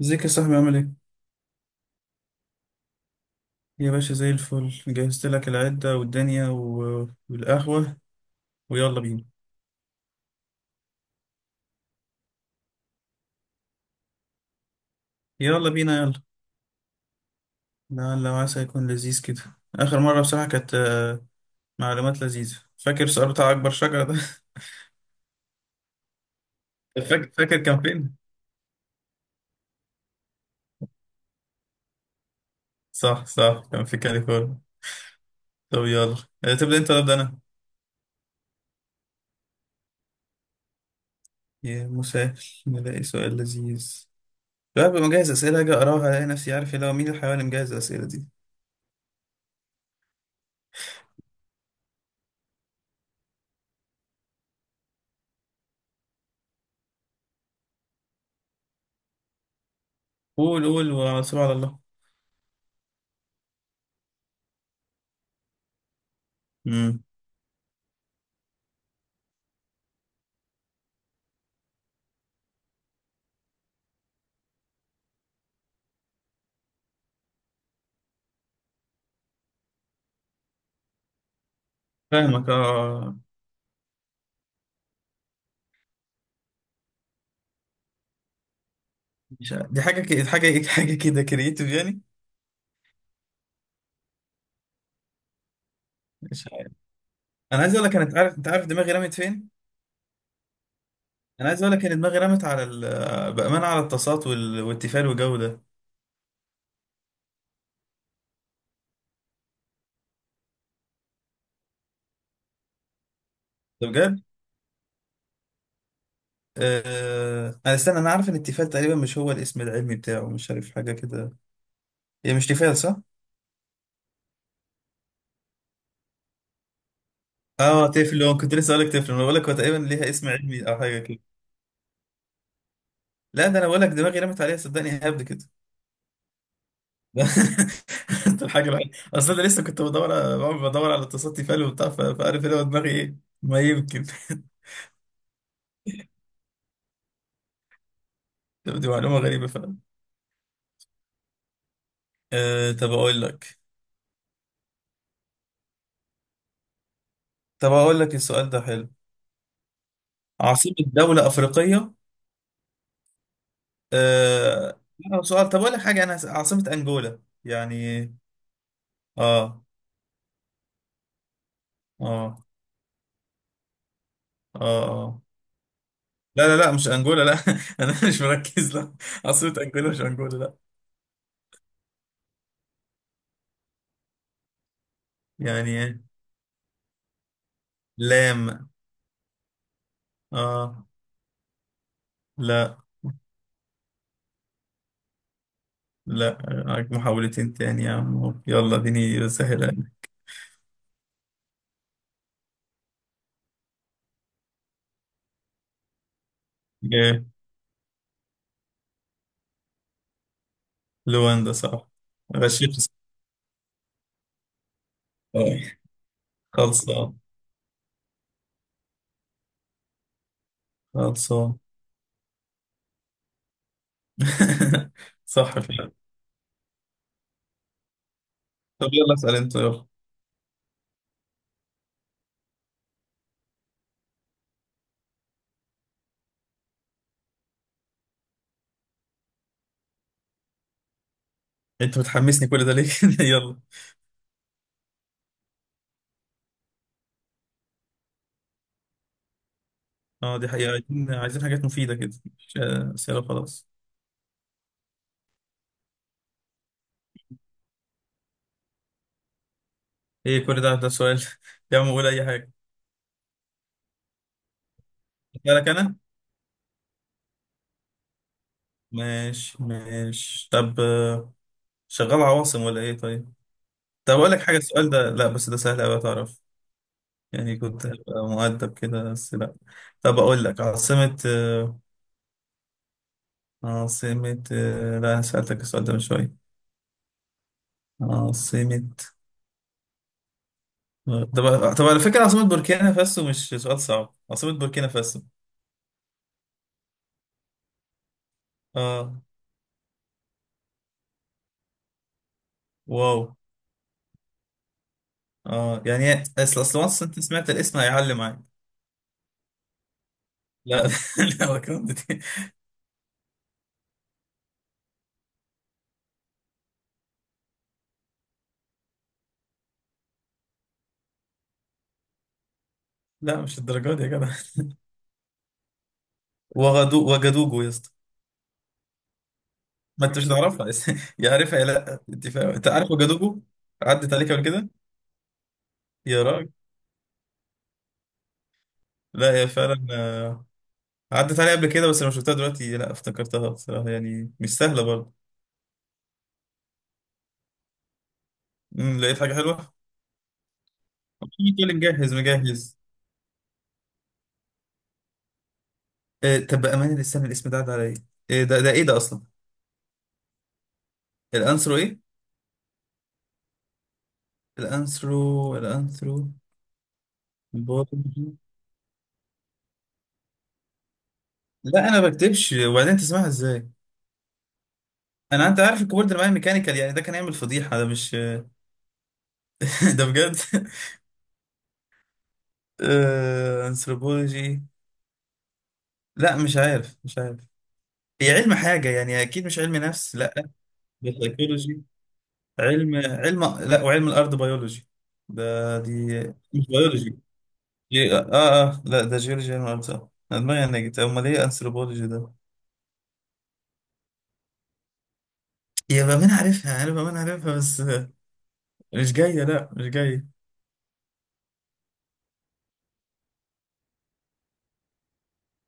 ازيك يا صاحبي؟ عامل ايه؟ يا باشا، زي الفل. جهزت لك العدة والدنيا والقهوة. ويلا بينا. يلا بينا يلا. لعل وعسى يكون لذيذ كده. آخر مرة بصراحة كانت معلومات لذيذة. فاكر سؤال بتاع أكبر شجرة ده؟ فاكر فاكر، كان فين؟ صح صح، كان في كاليفورنيا. طب يلا. تبدأ أنت ولا أبدأ أنا؟ يا مسهل، نلاقي سؤال لذيذ. لا، ببقى مجهز أسئلة، أجي أقراها ألاقي نفسي عارف اللي هو. مين الحيوان اللي مجهز الأسئلة دي؟ قول قول، وعلى الله. مم. فاهمك اه. مش عارف. دي حاجه كده، حاجه إيه؟ حاجه كده كرييتيف يعني. مش عارف. انا عايز اقول لك، انت عارف دماغي رمت فين. انا عايز اقول لك ان دماغي رمت على بامانه على الطاسات والتيفال والجو ده. ده بجد. انا عارف ان التيفال تقريبا مش هو الاسم العلمي بتاعه، مش عارف حاجه كده. هي مش تيفال صح. اه، تيفلون، كنت لسه اقول لك تيفلون. انا بقول لك هو تقريبا ليها اسم علمي او حاجه كده. لا، ده انا بقول لك دماغي رمت عليها. صدقني هبد كده. ده الحاجة الوحيدة. أصل أنا لسه كنت بدور على اتصال تيفال وبتاع، فعارف إيه هو دماغي إيه. ما يمكن. دي معلومة غريبة فعلا. أه طب أقول لك طب أقول لك السؤال ده حلو. عاصمة دولة أفريقية. لا، هو سؤال. طب أقول لك حاجة، أنا عاصمة أنجولا يعني. آه. آه. آه. آه. لا لا لا، مش أنجولا لا. أنا مش مركز لا. عاصمة أنجولا، مش أنجولا لا. يعني إيه؟ لام. آه. لا. لا. معاك محاولتين تاني يا عم أهو. يلا اديني سهلة. جاي. لواندا صح. غشيت صح. آه. خلصان. خلصان. صح فعلا. طب يلا اسأل انت، يلا. انت بتحمسني كل ده ليه؟ يلا. اه، دي حقيقة. عايزين عايزين حاجات مفيدة كده. مش أسئلة خلاص. ايه كل ده سؤال؟ يا عم قول أي حاجة. أسألك أنا. ماشي ماشي، طب شغال عواصم ولا ايه طيب؟ طب أقول لك حاجة، السؤال ده لا. بس ده سهل أوي تعرف، يعني كنت هبقى مؤدب كده بس لا. طب أقول لك عاصمة. لا، أنا سألتك السؤال ده من شوية. عاصمة. طب على فكرة، عاصمة بوركينا فاسو مش سؤال صعب. عاصمة بوركينا فاسو. اه. واو. اه، يعني اصل once انت سمعت الاسم هيعلم معاك. لا. لا وكنت دي. لا، مش الدرجات دي يا جدع. وجدوجو يا اسطى. ما انت مش هتعرفها. يعرفها يا، لا انت فاهم، انت عارف وجدوجو. عدت عليك قبل كده. يا راجل. لا هي فعلا عدت عليها قبل كده، بس لما شفتها دلوقتي لا افتكرتها بصراحة. يعني مش سهلة برضه. لقيت حاجة حلوة، تقول مجهز مجهز. طب بأمانة استنى، الاسم ده عدى عليا. إيه ده إيه ده أصلا؟ الأنثرو إيه؟ الأنثرو. برضه. لا أنا ما بكتبش، وبعدين تسمعها إزاي؟ أنت عارف الكيبورد معايا ميكانيكال، يعني ده كان يعمل فضيحة. ده مش ده بجد. أنثروبولوجي. لا مش عارف مش عارف. هي علم حاجة يعني، أكيد مش علم نفس لا. ده psychology. علم لا، وعلم الارض بيولوجي. ده دي. مش بيولوجي. إيه، اه اه، لا ده جيولوجي، علم الارض صح. انا دماغي نجت، امال ايه انثروبولوجي ده؟ يا بامين عارفها انا بامين عارفها بس مش جايه، لا مش جايه.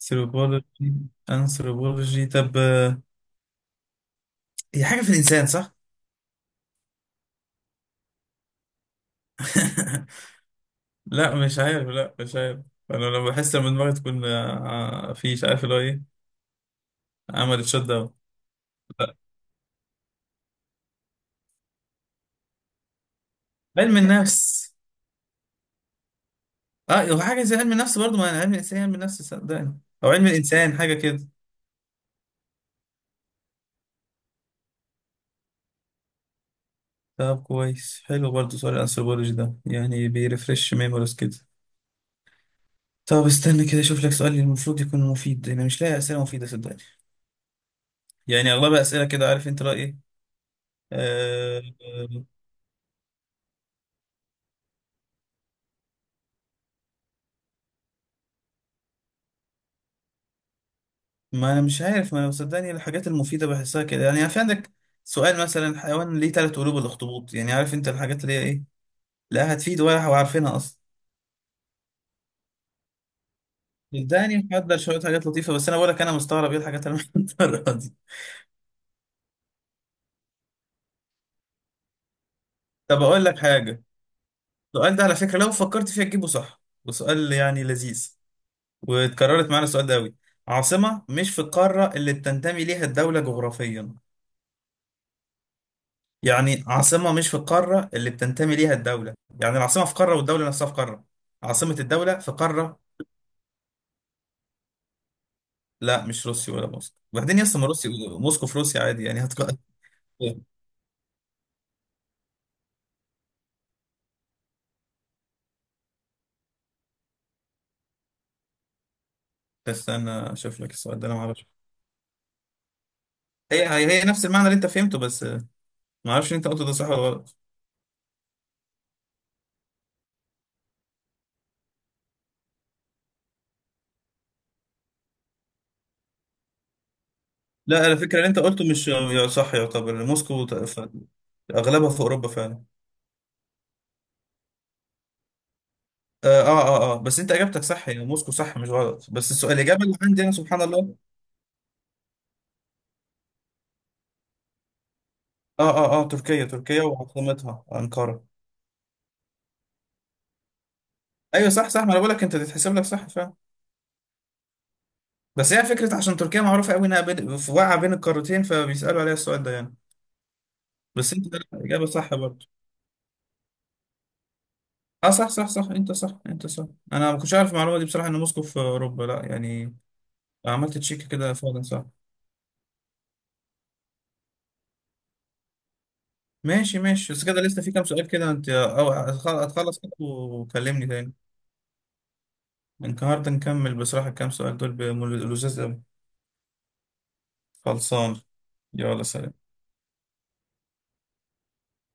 انثروبولوجي. انثروبولوجي، طب هي حاجه في الانسان صح. لا مش عارف لا مش عارف. انا لما بحس، لما دماغي تكون في مش عارف اللي هو ايه، عملت شوت داون. لا علم النفس. اه هو حاجه زي علم النفس برضو، ما انا علم الانسان علم النفس صدقني، او علم الانسان حاجه كده. طب كويس، حلو برضو سؤال الانثروبولوجي ده، يعني بيرفرش ميموريز كده. طب استنى كده اشوف لك سؤال المفروض يكون مفيد، انا مش لاقي اسئله مفيده صدقني. يعني اغلبها اسئله كده، عارف انت رايي ايه. آه آه، ما انا مش عارف، ما انا صدقني الحاجات المفيده بحسها كده. يعني في عندك سؤال مثلا، حيوان ليه ثلاث قلوب الاخطبوط يعني، عارف انت الحاجات اللي هي ايه. لا هتفيد ولا وعارفينها اصلا. الدهني محضر شوية حاجات لطيفة، بس أنا بقول لك أنا مستغرب إيه الحاجات اللي محضرها دي. طب أقول لك حاجة. السؤال ده على فكرة، لو فكرت فيها تجيبه صح، وسؤال يعني لذيذ، واتكررت معانا السؤال ده أوي. عاصمة مش في القارة اللي بتنتمي ليها الدولة جغرافيا. يعني عاصمة مش في القارة اللي بتنتمي ليها الدولة. يعني العاصمة في قارة، والدولة نفسها في قارة. عاصمة الدولة في قارة. لا مش روسيا ولا موسكو. وبعدين يا اسطى، ما روسيا موسكو في روسيا عادي يعني. بس أنا أشوف لك السؤال ده، أنا معرفش. هي نفس المعنى اللي أنت فهمته بس. ما اعرفش انت قلت ده صح ولا غلط. لا على فكره، اللي انت قلته مش يا صح. يعتبر موسكو اغلبها في اوروبا فعلا. اه اه اه، آه. بس انت اجابتك صح يعني، موسكو صح مش غلط. بس السؤال الاجابه اللي عندي انا، سبحان الله. اه اه اه، تركيا تركيا وعاصمتها انقره. ايوه صح صح، ما انا بقول لك انت تتحسب لك صح فعلا. بس هي فكره عشان تركيا معروفه قوي انها بين واقعه بين القارتين، فبيسالوا عليها السؤال ده يعني. بس انت لا، اجابه صح برضه. اه صح صح صح، انت صح انت صح. انا ما كنتش عارف المعلومه دي بصراحه، ان موسكو في اوروبا لا يعني. عملت تشيك كده فعلا، صح. ماشي ماشي، بس كده لسه في كام سؤال كده انت. او اتخلص كده وكلمني تاني. النهارده نكمل بصراحة، الكام سؤال دول بلذاذ قوي. خلصان. يلا سلام.